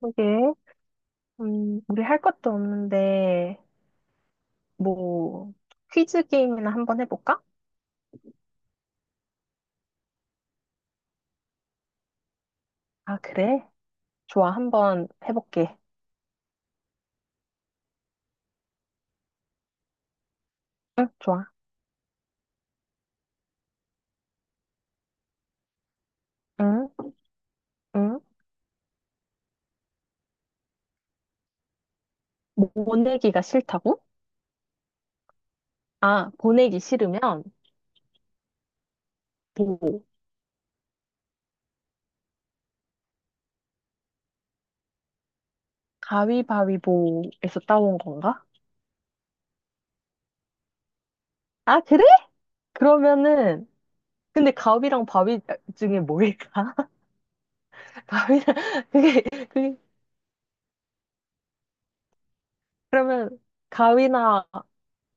그게, 우리 할 것도 없는데, 뭐, 퀴즈 게임이나 한번 해볼까? 아, 그래? 좋아, 한번 해볼게. 응, 좋아. 응, 응. 뭐 보내기가 싫다고? 아, 보내기 싫으면, 보, 가위바위보에서 따온 건가? 아, 그래? 그러면은, 근데 가위랑 바위 중에 뭐일까? 가위랑, 그게, 그게, 그러면, 가위나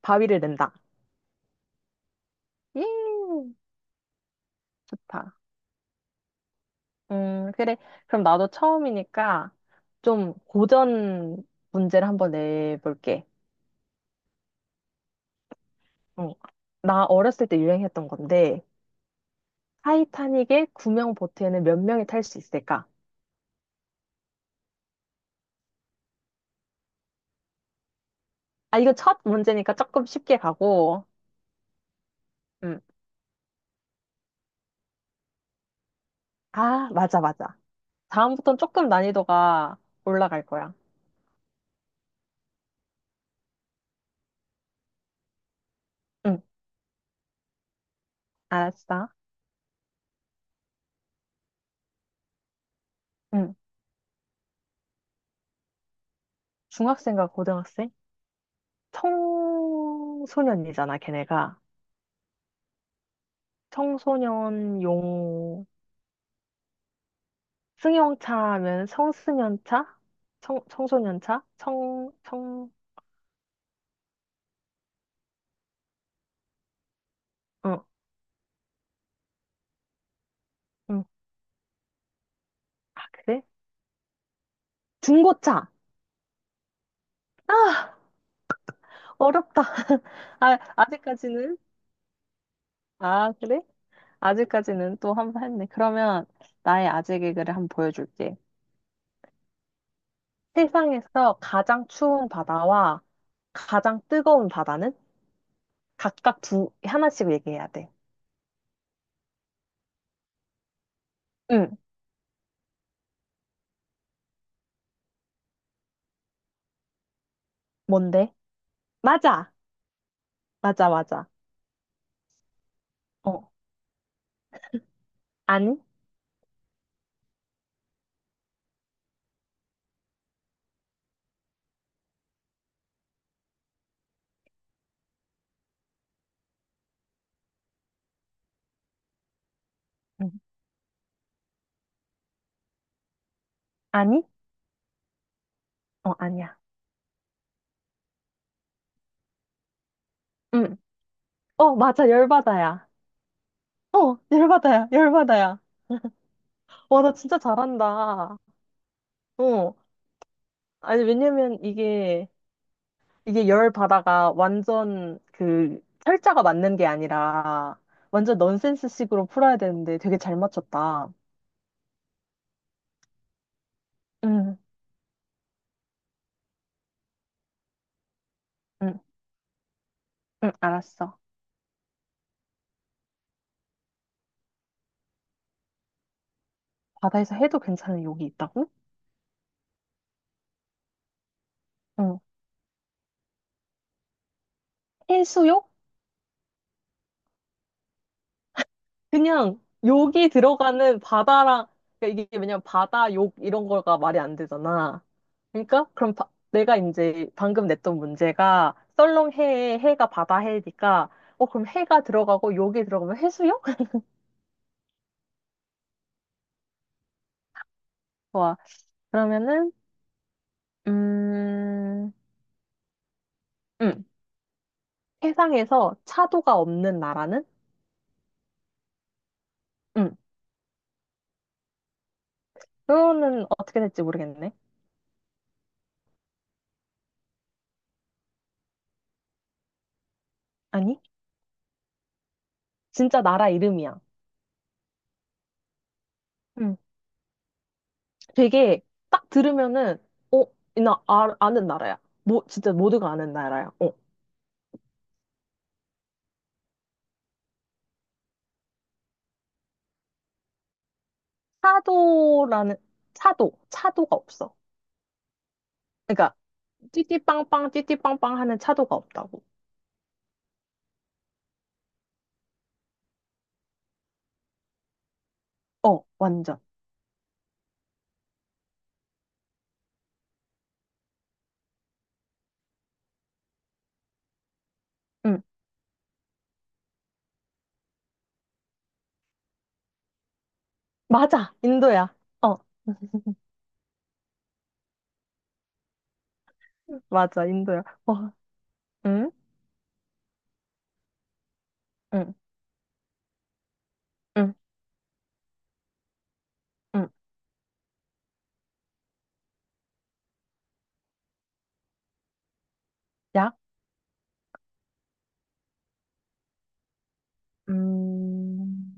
바위를 낸다. 예, 좋다. 그래. 그럼 나도 처음이니까 좀 고전 문제를 한번 내볼게. 어. 나 어렸을 때 유행했던 건데, 타이타닉의 구명 보트에는 몇 명이 탈 수 있을까? 아, 이거 첫 문제니까 조금 쉽게 가고, 음. 아, 맞아, 맞아. 다음부터는 조금 난이도가 올라갈 거야. 응, 알았어. 응, 중학생과 고등학생? 청소년이잖아, 걔네가. 청소년용 승용차 하면 청소년차? 청소년차? 청, 청, 어, 응. 아, 그래? 중고차! 아, 어렵다. 아, 아직까지는? 아, 그래? 아직까지는 또 한번 했네. 그러면 나의 아재 개그를 한번 보여줄게. 세상에서 가장 추운 바다와 가장 뜨거운 바다는 각각 두, 하나씩 얘기해야 돼. 응, 뭔데? 맞아! 맞아, 맞아. 어, 아니? 응. 아니? 어, 아니야. 응. 어, 맞아. 열받아야. 어, 열받아야. 열받아야. 와, 나 진짜 잘한다. 어. 아니, 왜냐면 이게, 이게 열바다가 완전 그, 철자가 맞는 게 아니라, 완전 넌센스 식으로 풀어야 되는데 되게 잘 맞췄다. 응, 응, 응, 알았어. 바다에서 해도 괜찮은 욕이 있다고? 응. 해수욕? 그냥 욕이 들어가는 바다랑 그러니까 이게 왜냐면 바다 욕 이런 거가 말이 안 되잖아. 그러니까 그럼 바- 내가 이제 방금 냈던 문제가 썰렁해에 해가 바다 해니까 어 그럼 해가 들어가고 욕이 들어가면 해수욕? 좋아. 그러면은 음, 음 세상에서 차도가 없는 나라는? 음 그거는 어떻게 될지 모르겠네. 아니 진짜 나라 이름이야. 되게 딱 들으면은 어, 아는 나라야. 뭐 진짜 모두가 아는 나라야. 어. 차도라는 차도 차도가 없어. 그러니까 찌띠빵빵 하는 차도가 없다고. 어, 완전. 응. 맞아. 인도야. 어, 맞아. 인도야. 어. 응? 응. 응. 응. 야? 음.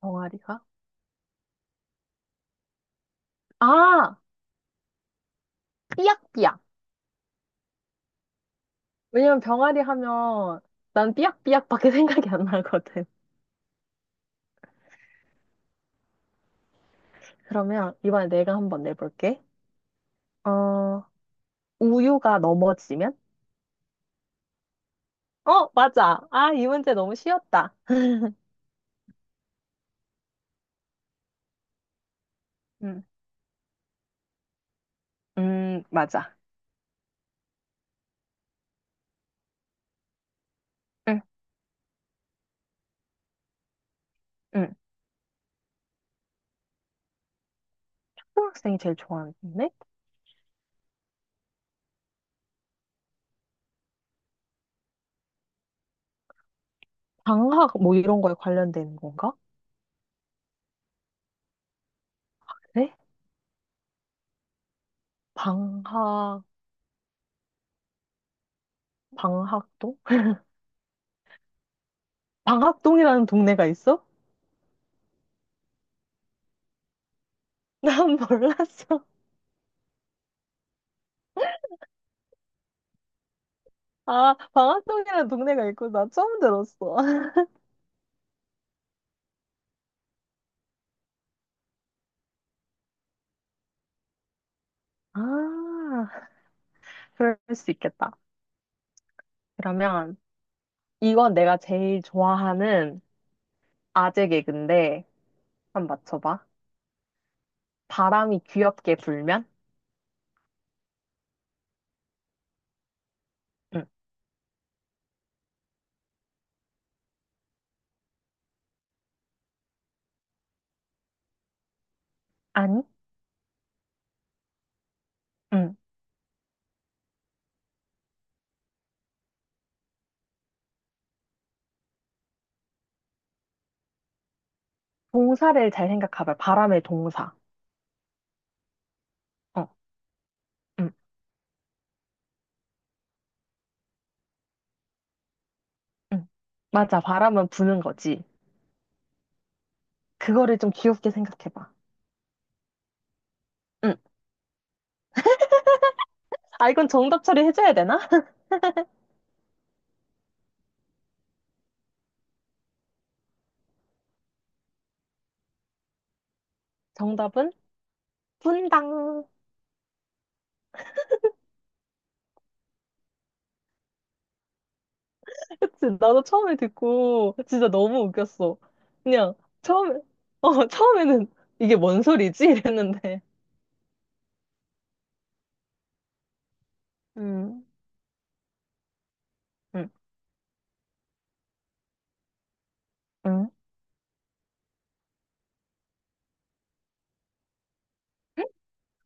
병아리가? 아, 삐약삐약. 왜냐면 병아리 하면 난 삐약삐약밖에 생각이 안 나거든. 그러면 이번에 내가 한번 내볼게. 어, 우유가 넘어지면? 어, 맞아. 아, 이 문제 너무 쉬웠다. 음, 맞아. 응, 응. 초등학생이 제일 좋아하는 데 방학 뭐 이런 거에 관련된 건가? 네? 방학, 방학동? 방학동이라는 동네가 있어? 난 몰랐어. 아, 방학동이라는 동네가 있고, 나 처음 들었어. 아, 그럴 수 있겠다. 그러면 이건 내가 제일 좋아하는 아재 개그인데, 한번 맞춰봐. 바람이 귀엽게 불면? 응. 아니? 응. 동사를 잘 생각해봐. 바람의 동사. 어. 응. 응. 맞아. 바람은 부는 거지. 그거를 좀 귀엽게 생각해봐. 응. 아, 이건 정답 처리해줘야 되나? 정답은 분당. 그치? 나도 처음에 듣고 진짜 너무 웃겼어. 그냥 처음에, 어, 처음에는 이게 뭔 소리지? 이랬는데. 응. 응. 응.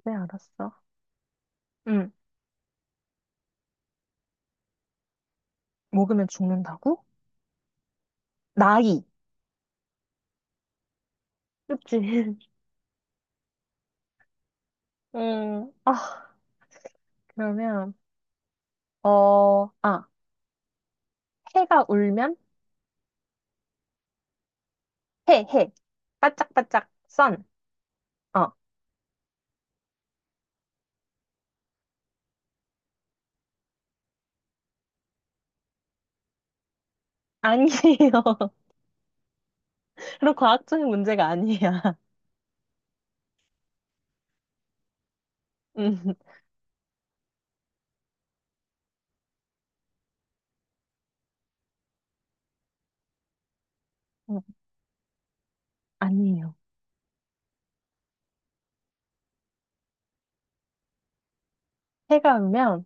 네, 알았어. 응. 먹으면 죽는다고? 나이. 그치? 음, 아, 그러면, 어, 아, 해가 울면? 해, 해. 바짝바짝 선. 어, 아니에요. 그런 과학적인 문제가 아니야. 음, 음, 아니에요. 해가 울면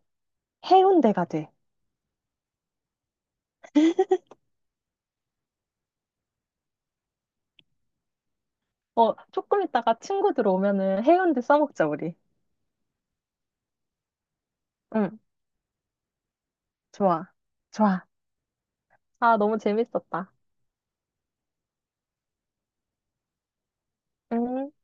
해운대가 돼. 어, 조금 있다가 친구들 오면은 해운대 써먹자, 우리. 응, 좋아. 좋아. 아, 너무 재밌었다. 음.